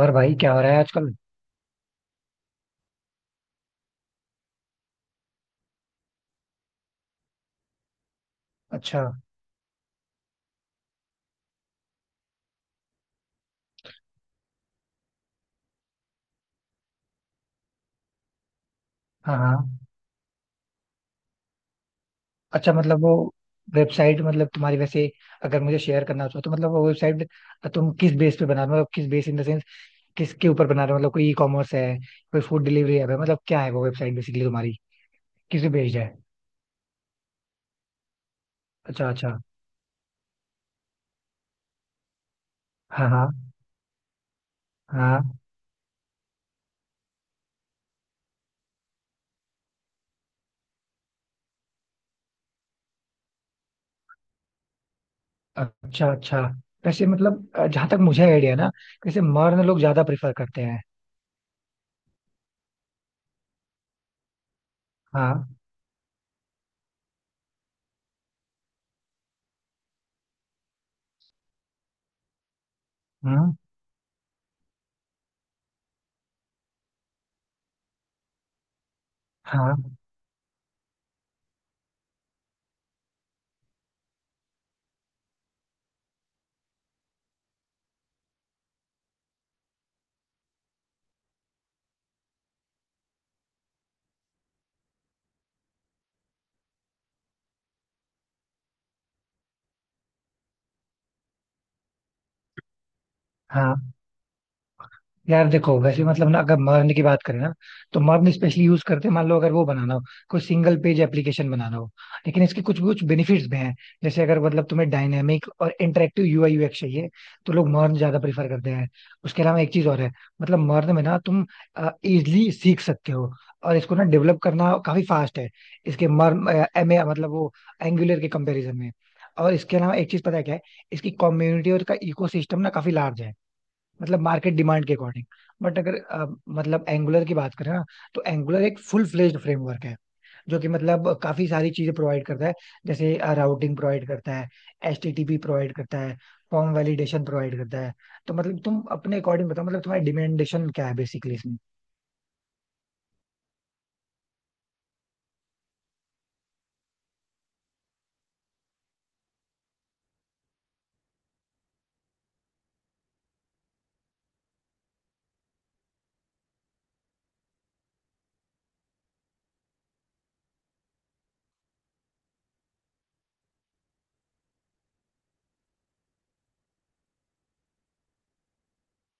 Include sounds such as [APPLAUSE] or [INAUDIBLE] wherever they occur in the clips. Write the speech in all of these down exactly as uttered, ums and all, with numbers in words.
और भाई क्या हो रहा है आजकल। अच्छा। हाँ हाँ। अच्छा मतलब वो वेबसाइट मतलब तुम्हारी वैसे अगर मुझे शेयर करना हो तो तो मतलब वो वेबसाइट तुम किस बेस पे बना रहे हो मतलब किस बेस इन द सेंस किसके ऊपर बना रहे हो मतलब कोई ई कॉमर्स है कोई फूड डिलीवरी ऐप है मतलब क्या है वो वेबसाइट बेसिकली तुम्हारी किस पे बेस्ड है। अच्छा अच्छा। हाँ हाँ। हाँ। अच्छा अच्छा। वैसे मतलब अ, जहाँ तक मुझे आइडिया ना वैसे मर्द लोग ज्यादा प्रेफर करते हैं। हाँ। हम्म। हाँ हाँ। यार देखो वैसे मतलब ना अगर मर्न की बात करें ना तो मर्न स्पेशली यूज करते हैं मान लो अगर वो बनाना हो कोई सिंगल पेज एप्लीकेशन बनाना हो। लेकिन इसके कुछ कुछ बेनिफिट्स भी हैं जैसे अगर मतलब तुम्हें डायनेमिक और इंटरेक्टिव यूआई यूएक्स चाहिए तो लोग मर्न ज्यादा प्रीफर करते हैं। उसके अलावा एक चीज और है मतलब मर्न में ना तुम इजिली सीख सकते हो और इसको ना डेवलप करना काफी फास्ट है इसके। मर्न एम ए मतलब वो एंगुलर के कंपैरिजन में। और इसके अलावा एक चीज पता है क्या है इसकी कम्युनिटी और इसका इकोसिस्टम ना काफी लार्ज है मतलब मार्केट डिमांड के अकॉर्डिंग। बट अगर अ, मतलब एंगुलर की बात करें ना तो एंगुलर एक फुल फ्लेज्ड फ्रेमवर्क है जो कि मतलब काफी सारी चीजें प्रोवाइड करता है, जैसे राउटिंग प्रोवाइड करता है, एचटीटीपी प्रोवाइड करता है, फॉर्म वैलिडेशन प्रोवाइड करता है। तो मतलब तुम अपने अकॉर्डिंग बताओ मतलब तुम्हारी डिमांडेशन क्या है बेसिकली इसमें।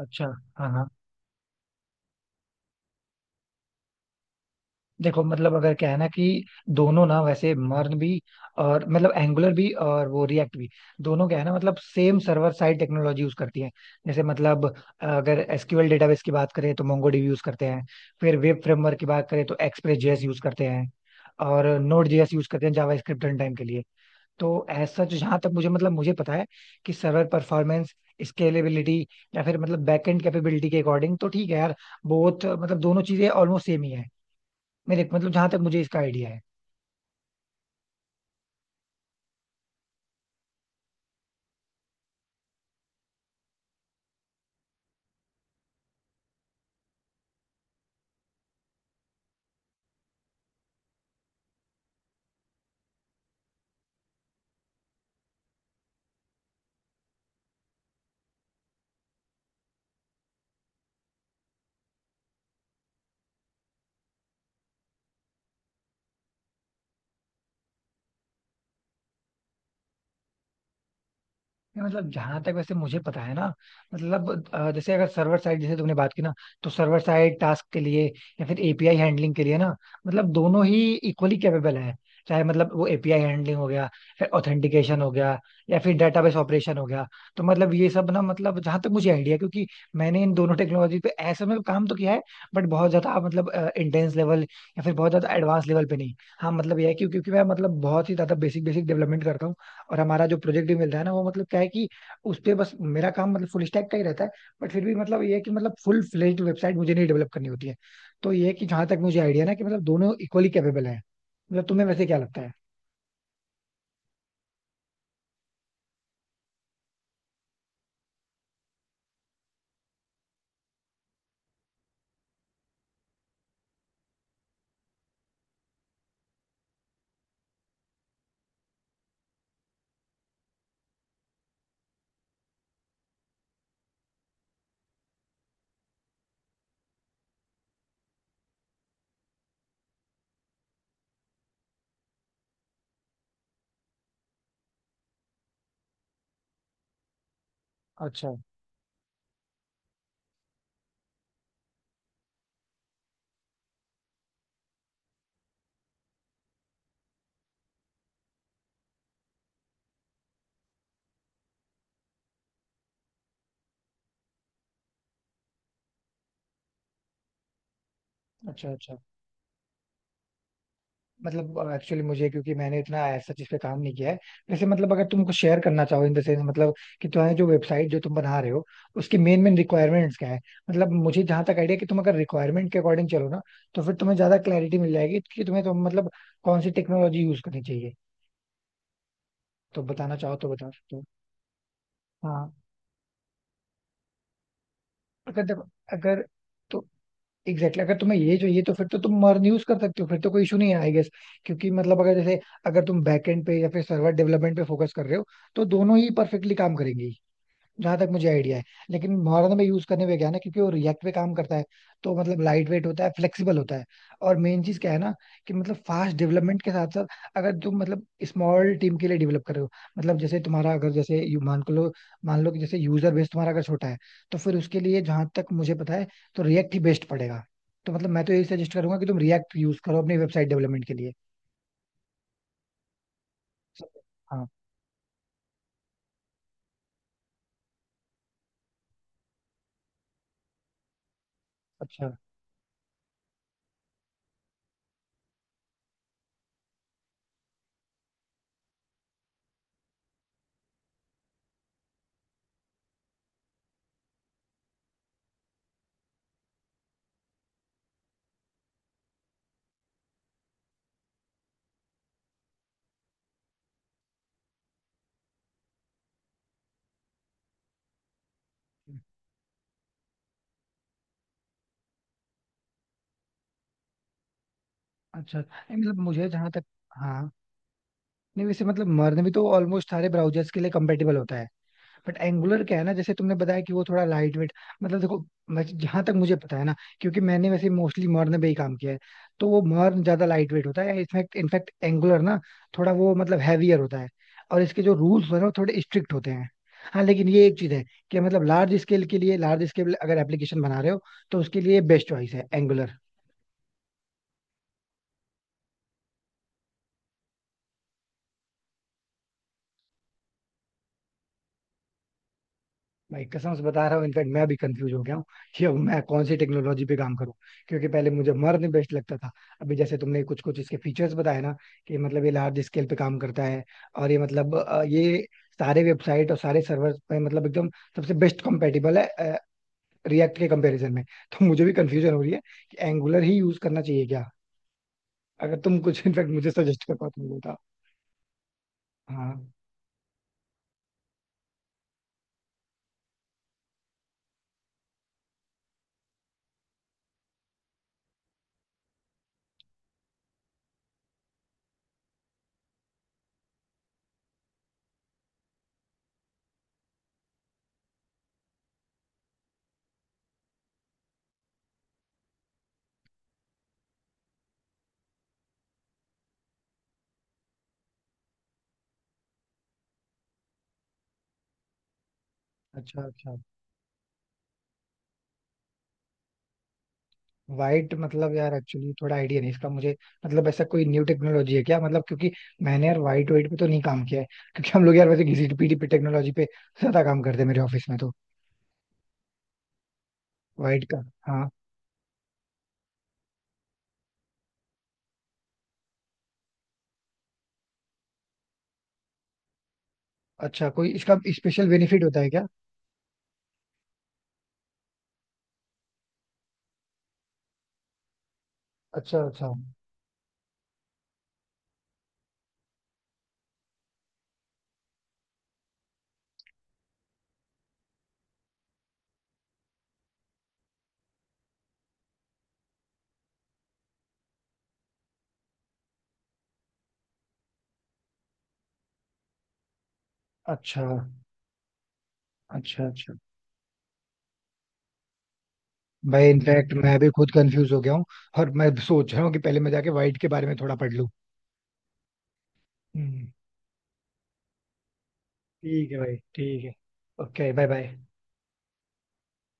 अच्छा। हाँ हाँ। देखो मतलब अगर क्या है ना कि दोनों ना वैसे मर्न भी और मतलब एंगुलर भी और वो रिएक्ट भी दोनों क्या है ना मतलब same server side technology use करती है। जैसे मतलब अगर एसक्यूएल डेटाबेस की बात करें तो मोंगोडीबी यूज करते हैं, फिर वेब फ्रेमवर्क की बात करें तो एक्सप्रेस जेएस यूज करते हैं, और नोड जेएस यूज करते हैं जावास्क्रिप्ट रन टाइम के लिए। तो ऐसा जो जहां तक मुझे मतलब मुझे पता है कि सर्वर परफॉर्मेंस, स्केलेबिलिटी, या फिर मतलब बैकएंड कैपेबिलिटी के अकॉर्डिंग तो ठीक है यार। बोथ मतलब दोनों चीजें ऑलमोस्ट सेम ही है मेरे मतलब जहां तक मुझे इसका आइडिया है। नहीं, मतलब जहां तक वैसे मुझे पता है ना मतलब अ, जैसे अगर सर्वर साइड जैसे तुमने बात की ना तो सर्वर साइड टास्क के लिए या फिर एपीआई हैंडलिंग के लिए ना मतलब दोनों ही इक्वली कैपेबल है। चाहे मतलब वो एपीआई हैंडलिंग हो गया, फिर ऑथेंटिकेशन हो गया, या फिर डेटाबेस ऑपरेशन हो गया। तो मतलब ये सब ना मतलब जहां तक मुझे आइडिया है क्योंकि मैंने इन दोनों टेक्नोलॉजी पे ऐसे में काम तो किया है बट बहुत ज्यादा मतलब इंटेंस लेवल या फिर बहुत ज्यादा एडवांस लेवल पे नहीं। हाँ मतलब यह है कि क्योंकि मैं मतलब बहुत ही ज्यादा बेसिक बेसिक डेवलपमेंट करता हूँ, और हमारा जो प्रोजेक्ट भी मिलता है ना वो मतलब क्या है कि उस पे बस मेरा काम मतलब फुल स्टैक का ही रहता है। बट फिर भी मतलब ये है कि मतलब फुल फ्लेज्ड वेबसाइट मुझे नहीं डेवलप करनी होती है। तो ये है कि जहां तक मुझे आइडिया ना कि मतलब दोनों इक्वली कैपेबल है। मतलब तुम्हें वैसे क्या लगता है? अच्छा अच्छा। अच्छा मतलब एक्चुअली मुझे क्योंकि मैंने इतना ऐसा चीज पे काम नहीं किया है। वैसे मतलब अगर तुमको शेयर करना चाहो इन द सेंस मतलब कि तुम्हारी जो वेबसाइट जो तुम बना रहे हो उसकी मेन मेन रिक्वायरमेंट्स क्या है। मतलब मुझे जहां तक आइडिया कि तुम अगर रिक्वायरमेंट के अकॉर्डिंग चलो ना तो फिर तुम्हें ज्यादा क्लैरिटी मिल जाएगी कि तुम्हें तो मतलब कौन सी टेक्नोलॉजी यूज करनी चाहिए। तो बताना चाहो तो बता सकते हो। हाँ। अगर देखो अगर तो एग्जैक्टली exactly, अगर तुम्हें ये चाहिए तो फिर तो तुम मर्न यूज कर सकते हो फिर तो कोई इशू नहीं है आई गेस। क्योंकि मतलब अगर जैसे अगर तुम बैकएंड पे या फिर सर्वर डेवलपमेंट पे फोकस कर रहे हो तो दोनों ही परफेक्टली काम करेंगी, जहां तक मुझे आइडिया है। लेकिन मोहाना में यूज करने में क्या है ना क्योंकि वो रिएक्ट पे काम करता है तो मतलब लाइट वेट होता है, फ्लेक्सिबल होता है। और मेन चीज क्या है ना कि मतलब फास्ट डेवलपमेंट के साथ साथ अगर तुम मतलब स्मॉल टीम के लिए डेवलप कर रहे हो मतलब जैसे तुम्हारा अगर जैसे यू- मान को लो मान लो कि जैसे यूजर बेस तुम्हारा अगर छोटा है तो फिर उसके लिए जहां तक मुझे पता है तो रिएक्ट ही बेस्ट पड़ेगा। तो मतलब मैं तो यही सजेस्ट करूंगा कि तुम रिएक्ट यूज करो अपनी वेबसाइट डेवलपमेंट के लिए। हाँ। अच्छा अच्छा। नहीं, मतलब मुझे जहां तक। हाँ। नहीं वैसे मतलब मर्न भी तो ऑलमोस्ट सारे ब्राउजर्स के लिए कंपेटेबल होता है। बट एंगुलर क्या है ना जैसे तुमने बताया कि वो थोड़ा लाइट वेट मतलब देखो मैं जहां तक मुझे पता है ना क्योंकि मैंने वैसे मोस्टली मर्न पे ही काम किया है तो वो मर्न ज्यादा लाइट वेट होता है। इनफैक्ट इनफैक्ट एंगुलर ना थोड़ा वो मतलब हैवियर होता है और इसके जो रूल्स हैं वो थोड़े स्ट्रिक्ट होते हैं। हाँ लेकिन ये एक चीज है कि मतलब लार्ज स्केल के लिए लार्ज स्केल अगर एप्लीकेशन बना रहे हो तो उसके लिए बेस्ट चॉइस है एंगुलर। भाई कसम से बता रहा हूँ। इनफैक्ट मैं भी कंफ्यूज हो गया हूँ कि अब मैं कौन सी टेक्नोलॉजी पे काम करूँ क्योंकि पहले मुझे मर्न बेस्ट लगता था। अभी जैसे तुमने कुछ कुछ इसके फीचर्स बताए ना कि मतलब ये लार्ज स्केल पे काम करता है और ये मतलब अ, ये सारे वेबसाइट और सारे सर्वर पे मतलब एकदम सबसे बेस्ट कंपेटेबल है रिएक्ट के कंपैरिजन में। [LAUGHS] तो मुझे भी कंफ्यूजन हो रही है कि एंगुलर ही यूज करना चाहिए क्या। अगर तुम कुछ [LAUGHS] इनफैक्ट मुझे सजेस्ट कर पाओ तो मुझे बताओ। हाँ। अच्छा अच्छा। वाइट मतलब यार एक्चुअली थोड़ा आइडिया नहीं इसका मुझे। मतलब ऐसा कोई न्यू टेक्नोलॉजी है क्या मतलब क्योंकि मैंने यार वाइट वाइट पे तो नहीं काम किया है क्योंकि हम लोग यार वैसे घिसी पीटी पे टेक्नोलॉजी पे ज्यादा काम करते हैं मेरे ऑफिस में तो। वाइट का। हाँ। अच्छा कोई इसका स्पेशल बेनिफिट होता है क्या? अच्छा अच्छा। अच्छा अच्छा। अच्छा। भाई इनफैक्ट मैं भी खुद कंफ्यूज हो गया हूँ और मैं सोच रहा हूँ कि पहले मैं जाके वाइट के बारे में थोड़ा पढ़ लूँ। हम्म, ठीक है भाई ठीक है। Okay bye bye.